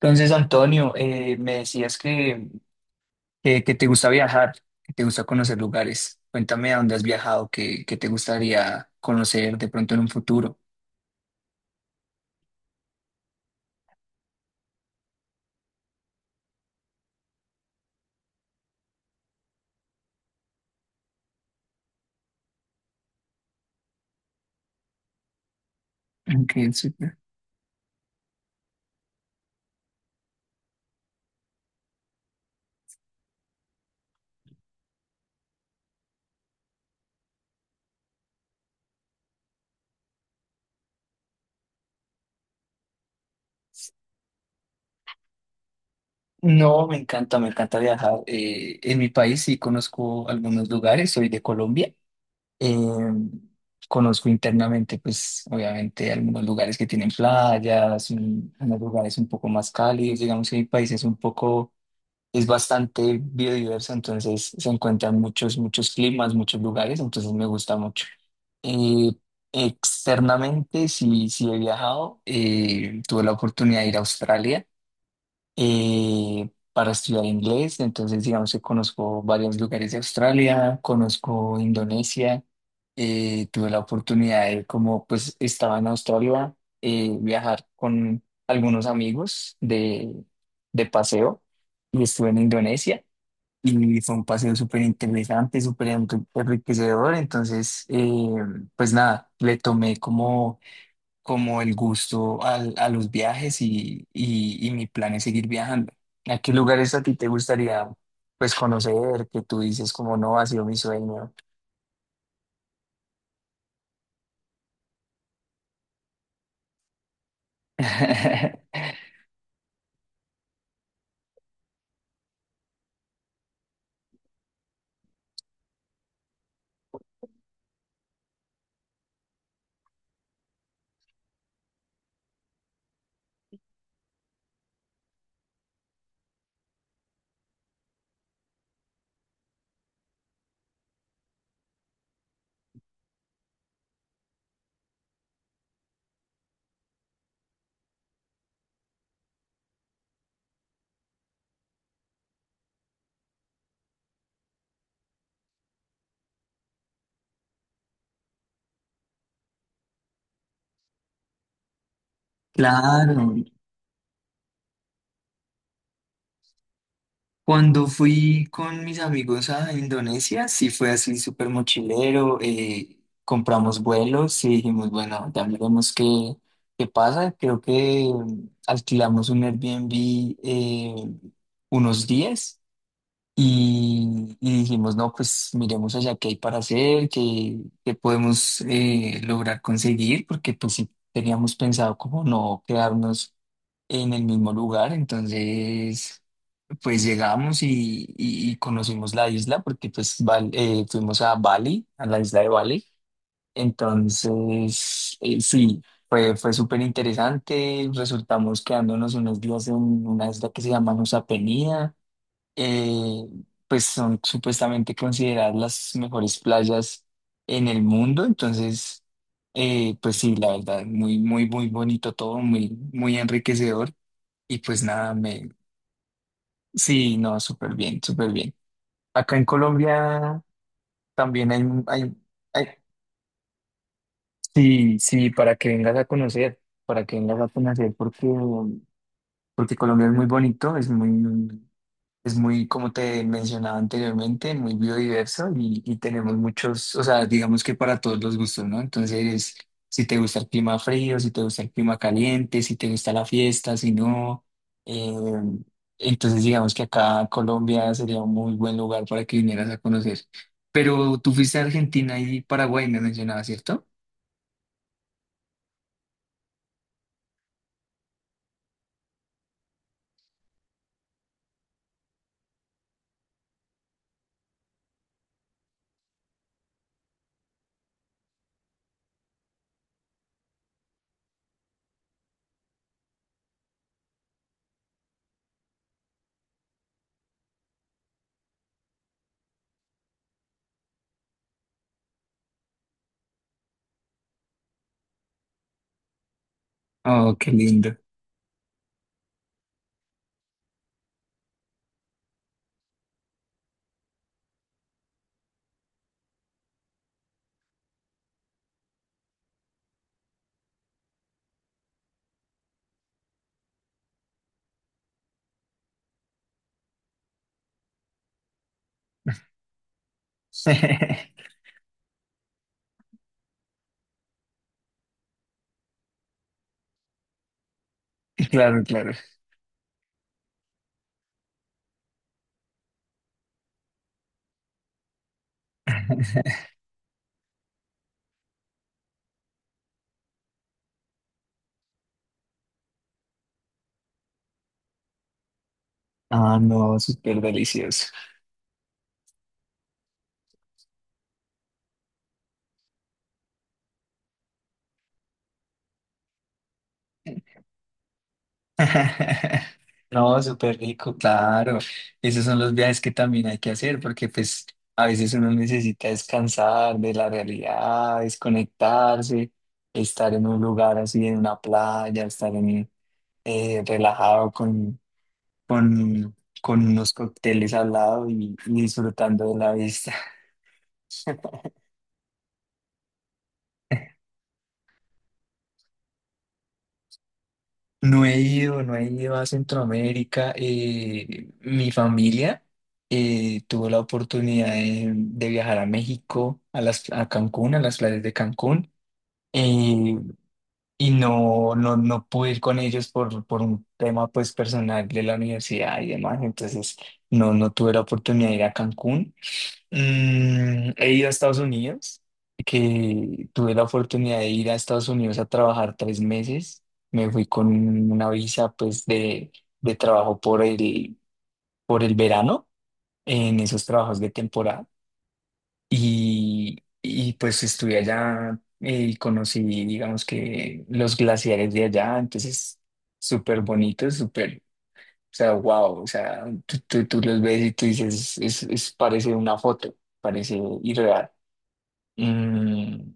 Entonces, Antonio, me decías que, que te gusta viajar, que te gusta conocer lugares. Cuéntame a dónde has viajado, qué te gustaría conocer de pronto en un futuro. Ok, súper. No, me encanta viajar. En mi país sí conozco algunos lugares, soy de Colombia. Eh, Conozco internamente, pues obviamente, algunos lugares que tienen playas, unos lugares un poco más cálidos, digamos que mi país es un poco, es bastante biodiverso, entonces se encuentran muchos, muchos climas, muchos lugares, entonces me gusta mucho. Eh, Externamente, sí he viajado, tuve la oportunidad de ir a Australia para estudiar inglés. Entonces, digamos que conozco varios lugares de Australia, conozco Indonesia. Tuve la oportunidad de, como pues estaba en Australia, viajar con algunos amigos de paseo y estuve en Indonesia. Y fue un paseo súper interesante, enriquecedor. Entonces, pues nada, le tomé como como el gusto a, los viajes y mi plan es seguir viajando. ¿A qué lugares a ti te gustaría pues conocer que tú dices como no ha sido mi sueño? Claro, cuando fui con mis amigos a Indonesia, sí fue así súper mochilero, compramos vuelos y dijimos, bueno, ya veremos qué, qué pasa. Creo que alquilamos un Airbnb eh, unos días. Y dijimos, no, pues miremos allá qué hay para hacer, qué, qué podemos lograr conseguir, porque pues sí teníamos pensado como no quedarnos en el mismo lugar, entonces pues llegamos y, y conocimos la isla, porque pues fuimos a Bali, a la isla de Bali, entonces sí, fue, fue súper interesante, resultamos quedándonos unos días en una isla que se llama Nusa Penida. eh, pues son supuestamente consideradas las mejores playas en el mundo. Entonces, pues sí, la verdad, muy, muy, muy bonito todo, muy, muy enriquecedor. Y pues nada, me, sí, no, súper bien, súper bien. Acá en Colombia también hay, hay- sí, sí, para que vengas a conocer, para que vengas a conocer, porque, porque Colombia es muy bonito, es muy, es muy, como te mencionaba anteriormente, muy biodiverso y tenemos muchos, o sea, digamos que para todos los gustos, ¿no? Entonces, si te gusta el clima frío, si te gusta el clima caliente, si te gusta la fiesta, si no, eh, entonces digamos que acá Colombia sería un muy buen lugar para que vinieras a conocer. Pero tú fuiste a Argentina y Paraguay, me mencionabas, ¿cierto? Oh, qué lindo. Claro, claro. Ah, no, súper delicioso. No, súper rico, claro. Esos son los viajes que también hay que hacer porque pues a veces uno necesita descansar de la realidad, desconectarse, estar en un lugar así, en una playa, estar en, relajado con, con unos cócteles al lado y disfrutando de la vista. No he ido, no he ido a Centroamérica. Mi familia tuvo la oportunidad de viajar a México, a las, a Cancún, a las playas de Cancún. eh, y no, no, no pude ir con ellos por un tema pues personal de la universidad y demás. Entonces no, no tuve la oportunidad de ir a Cancún. Mm, he ido a Estados Unidos, que tuve la oportunidad de ir a Estados Unidos a trabajar tres meses. Me fui con una visa pues de trabajo por el verano en esos trabajos de temporada. Y pues estuve allá y conocí, digamos que los glaciares de allá, entonces súper bonitos, súper, o sea, wow, o sea, tú, tú los ves y tú dices, es, parece una foto, parece irreal. Mm,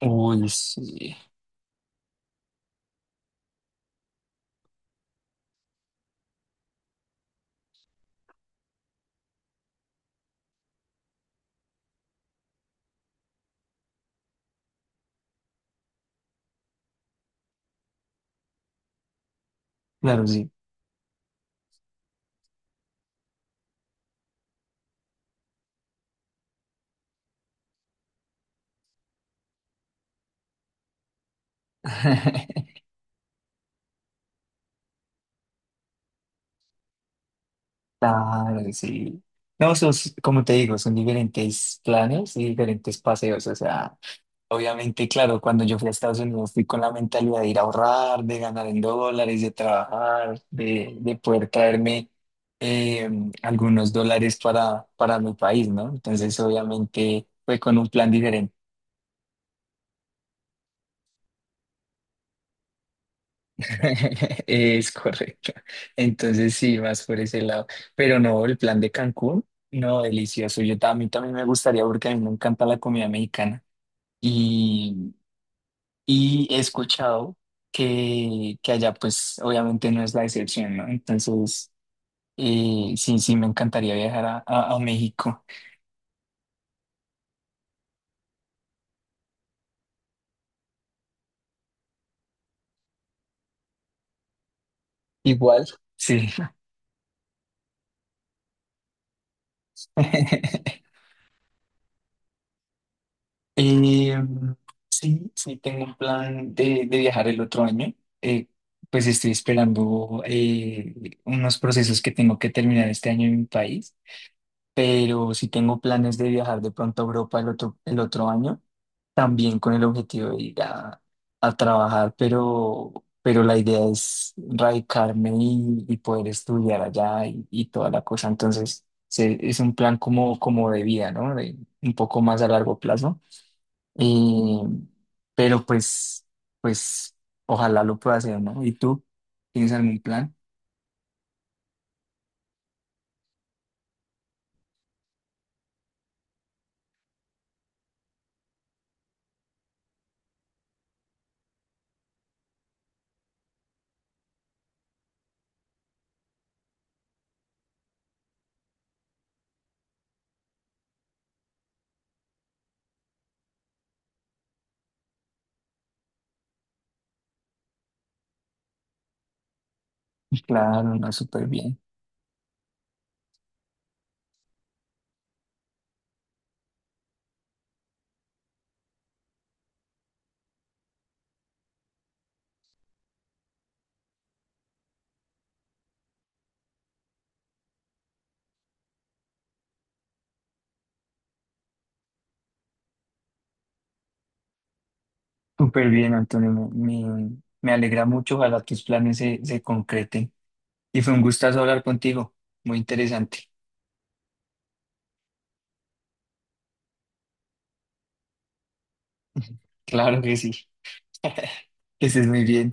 uy, sí. Claro, sí. Claro, sí. No, esos, como te digo, son diferentes planes y diferentes paseos. O sea, obviamente, claro, cuando yo fui a Estados Unidos fui con la mentalidad de ir a ahorrar, de ganar en dólares, de trabajar, de poder traerme eh, algunos dólares para mi país, ¿no? Entonces, obviamente, fue con un plan diferente. Es correcto. Entonces sí, más por ese lado. Pero no, el plan de Cancún, no, delicioso. A mí también me gustaría porque a mí me encanta la comida mexicana. Y, y he escuchado que allá pues obviamente no es la excepción, ¿no? Entonces sí, sí, me encantaría viajar a, a México. Igual, sí. Eh, sí, sí, tengo un plan de viajar el otro año. Eh, pues estoy esperando unos procesos que tengo que terminar este año en mi país, pero sí tengo planes de viajar de pronto a Europa el otro año, también con el objetivo de ir a trabajar, pero la idea es radicarme y poder estudiar allá y toda la cosa. Entonces, es un plan como, como de vida, ¿no? De, un poco más a largo plazo. Eh, pero pues, pues, ojalá lo pueda hacer, ¿no? ¿Y tú? ¿Tienes algún plan? Pues claro, no, súper bien. Súper bien, Antonio. Me, me alegra mucho. Ojalá tus planes se, se concreten. Y fue un gustazo hablar contigo. Muy interesante. Claro que sí. Que estés muy bien.